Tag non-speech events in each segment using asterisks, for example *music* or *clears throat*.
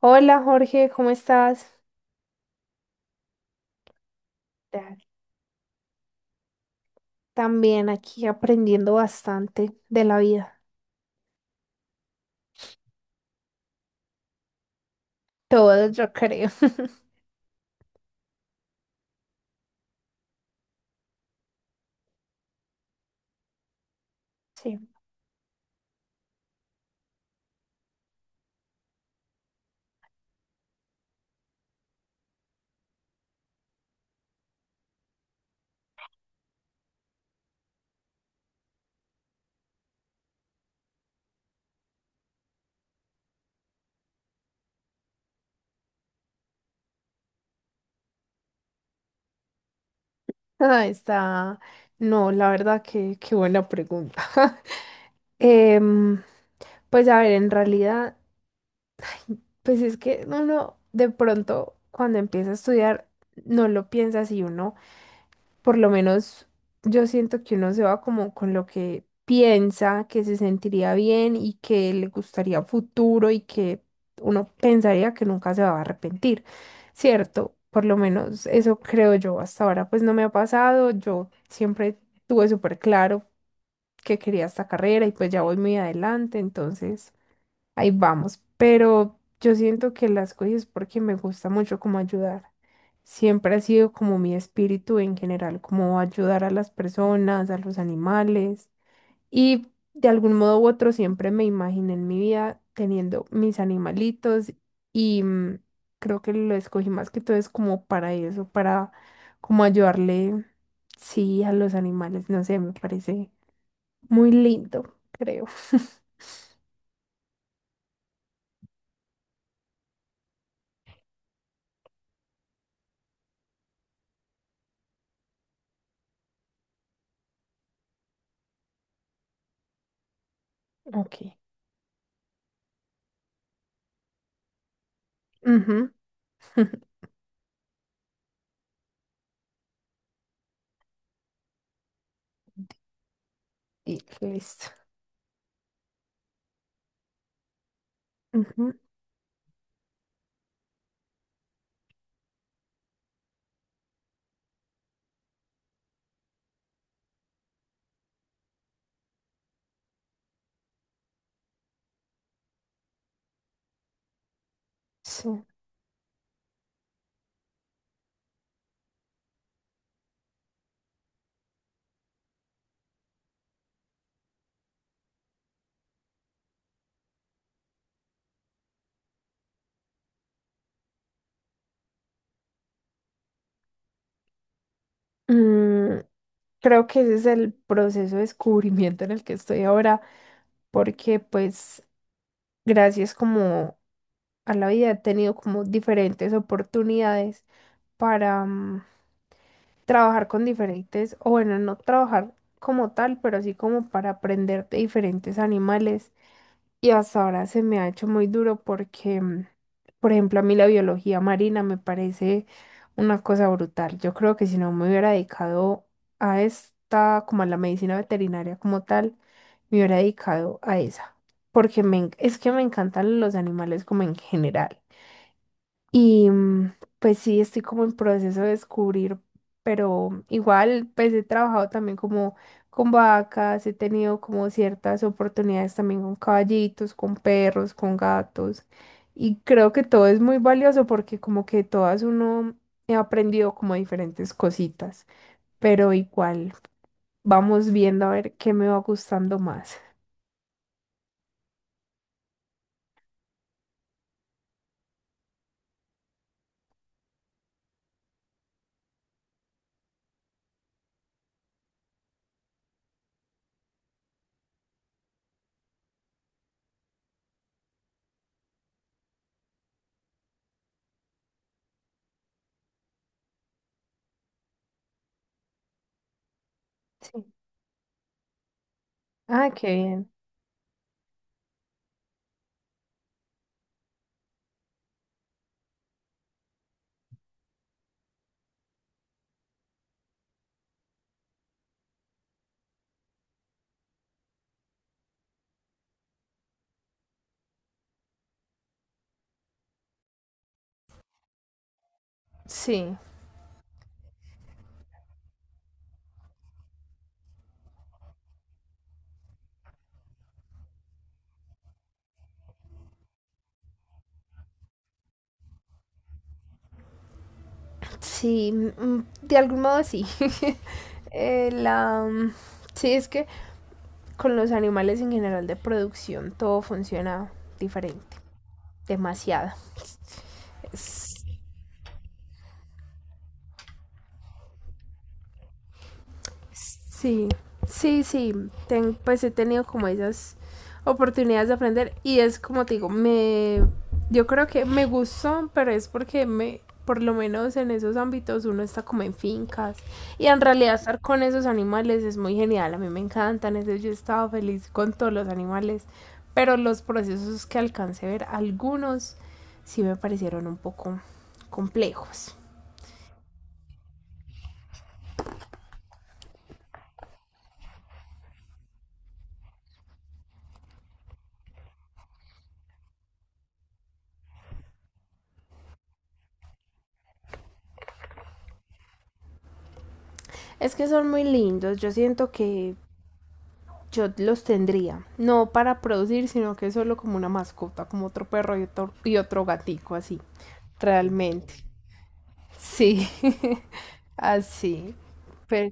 Hola Jorge, ¿cómo estás? Ta- También aquí aprendiendo bastante de la vida. Todo yo creo. *laughs* Sí. Ah, está. No, la verdad que qué buena pregunta. *laughs* Em, pues a ver, en realidad, pues es que uno de pronto cuando empieza a estudiar no lo piensa así, uno. Por lo menos yo siento que uno se va como con lo que piensa, que se sentiría bien y que le gustaría a futuro y que uno pensaría que nunca se va a arrepentir, ¿cierto? Por lo menos eso creo yo. Hasta ahora pues no me ha pasado. Yo siempre tuve súper claro que quería esta carrera y pues ya voy muy adelante, entonces ahí vamos. Pero yo siento que las cosas es porque me gusta mucho como ayudar. Siempre ha sido como mi espíritu en general, como ayudar a las personas, a los animales. Y de algún modo u otro siempre me imaginé en mi vida teniendo mis animalitos y creo que lo escogí más que todo es como para eso, para como ayudarle, sí, a los animales. No sé, me parece muy lindo, creo. *laughs* Ok. Ujú. *laughs* Y listo. Ujú, sí. Mm, creo que ese es el proceso de descubrimiento en el que estoy ahora, porque pues gracias como a la vida he tenido como diferentes oportunidades para trabajar con diferentes, o bueno, no trabajar como tal, pero sí como para aprender de diferentes animales. Y hasta ahora se me ha hecho muy duro porque, mm, por ejemplo, a mí la biología marina me parece una cosa brutal. Yo creo que si no me hubiera dedicado a esta, como a la medicina veterinaria como tal, me hubiera dedicado a esa. Porque me, es que me encantan los animales como en general. Y pues sí, estoy como en proceso de descubrir, pero igual pues he trabajado también como con vacas, he tenido como ciertas oportunidades también con caballitos, con perros, con gatos. Y creo que todo es muy valioso porque como que todas uno he aprendido como diferentes cositas, pero igual vamos viendo a ver qué me va gustando más. Sí. Ah, qué bien. Sí. Sí, mm, de algún modo sí. *laughs* La, mm, sí, es que con los animales en general de producción todo funciona diferente, demasiado. Sí, sí, sí. Pues he tenido como esas oportunidades de aprender y es como te digo, me, yo creo que me gustó, pero es porque me, por lo menos en esos ámbitos uno está como en fincas y en realidad estar con esos animales es muy genial, a mí me encantan, entonces yo estaba feliz con todos los animales, pero los procesos que alcancé a ver, algunos sí me parecieron un poco complejos. Es que son muy lindos, yo siento que yo los tendría, no para producir, sino que solo como una mascota, como otro perro y otro gatico, así, realmente. Sí, *laughs* así. Pero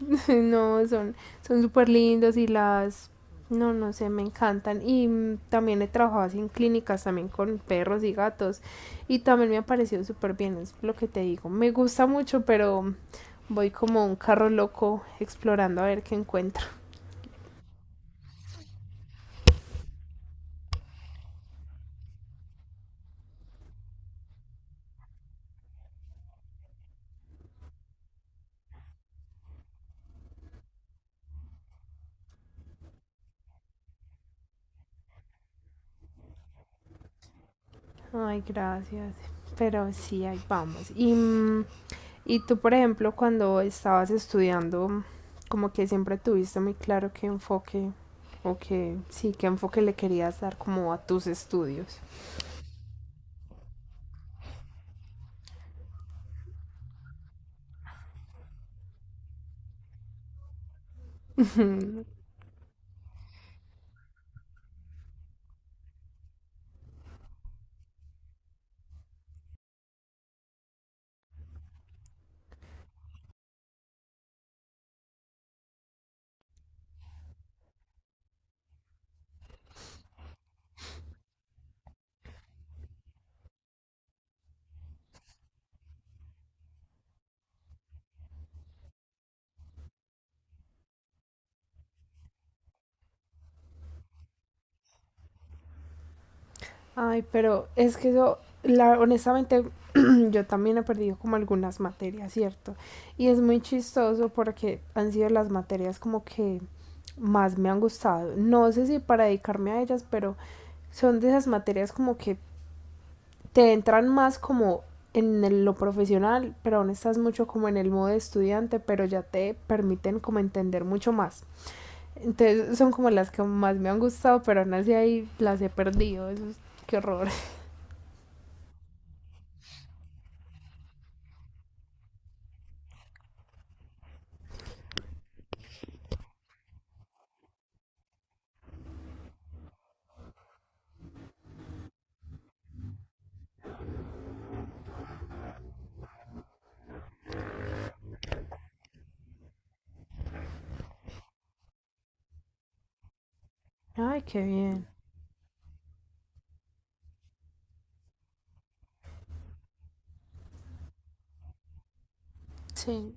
*laughs* no, son son súper lindos y las, no, no sé, me encantan. Y también he trabajado así en clínicas, también con perros y gatos. Y también me ha parecido súper bien, es lo que te digo. Me gusta mucho, pero voy como un carro loco explorando a ver qué encuentro. Ay, gracias. Pero sí, ahí vamos. Y, mm, y tú, por ejemplo, cuando estabas estudiando, como que siempre tuviste muy claro qué enfoque, o que sí, qué enfoque le querías dar como a tus estudios. Ay, pero es que eso, la, honestamente, *clears throat* yo también he perdido como algunas materias, ¿cierto? Y es muy chistoso porque han sido las materias como que más me han gustado. No sé si para dedicarme a ellas, pero son de esas materias como que te entran más como en lo profesional, pero aún estás mucho como en el modo de estudiante, pero ya te permiten como entender mucho más. Entonces son como las que más me han gustado, pero aún así ahí las he perdido. ¡Qué horror! *laughs* Ay, qué bien. Sí,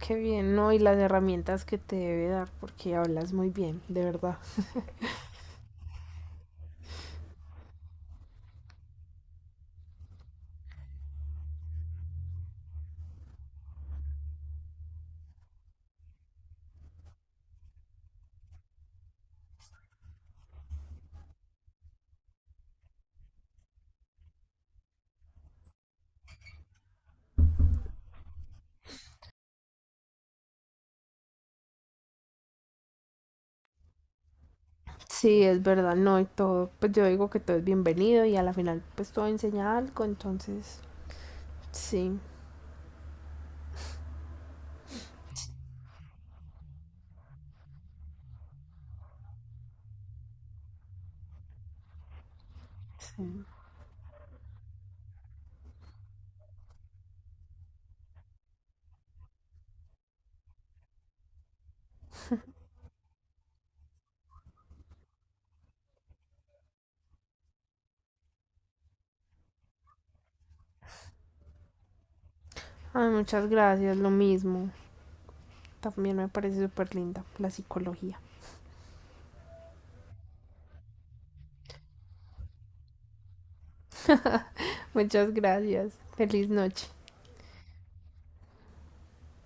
qué bien, ¿no? Y las herramientas que te debe dar, porque hablas muy bien, de verdad. Sí, es verdad, no, y todo, pues yo digo que todo es bienvenido y a la final pues todo enseña algo, entonces, sí, sí. Ay, muchas gracias, lo mismo. También me parece súper linda la psicología. Muchas gracias. Feliz noche.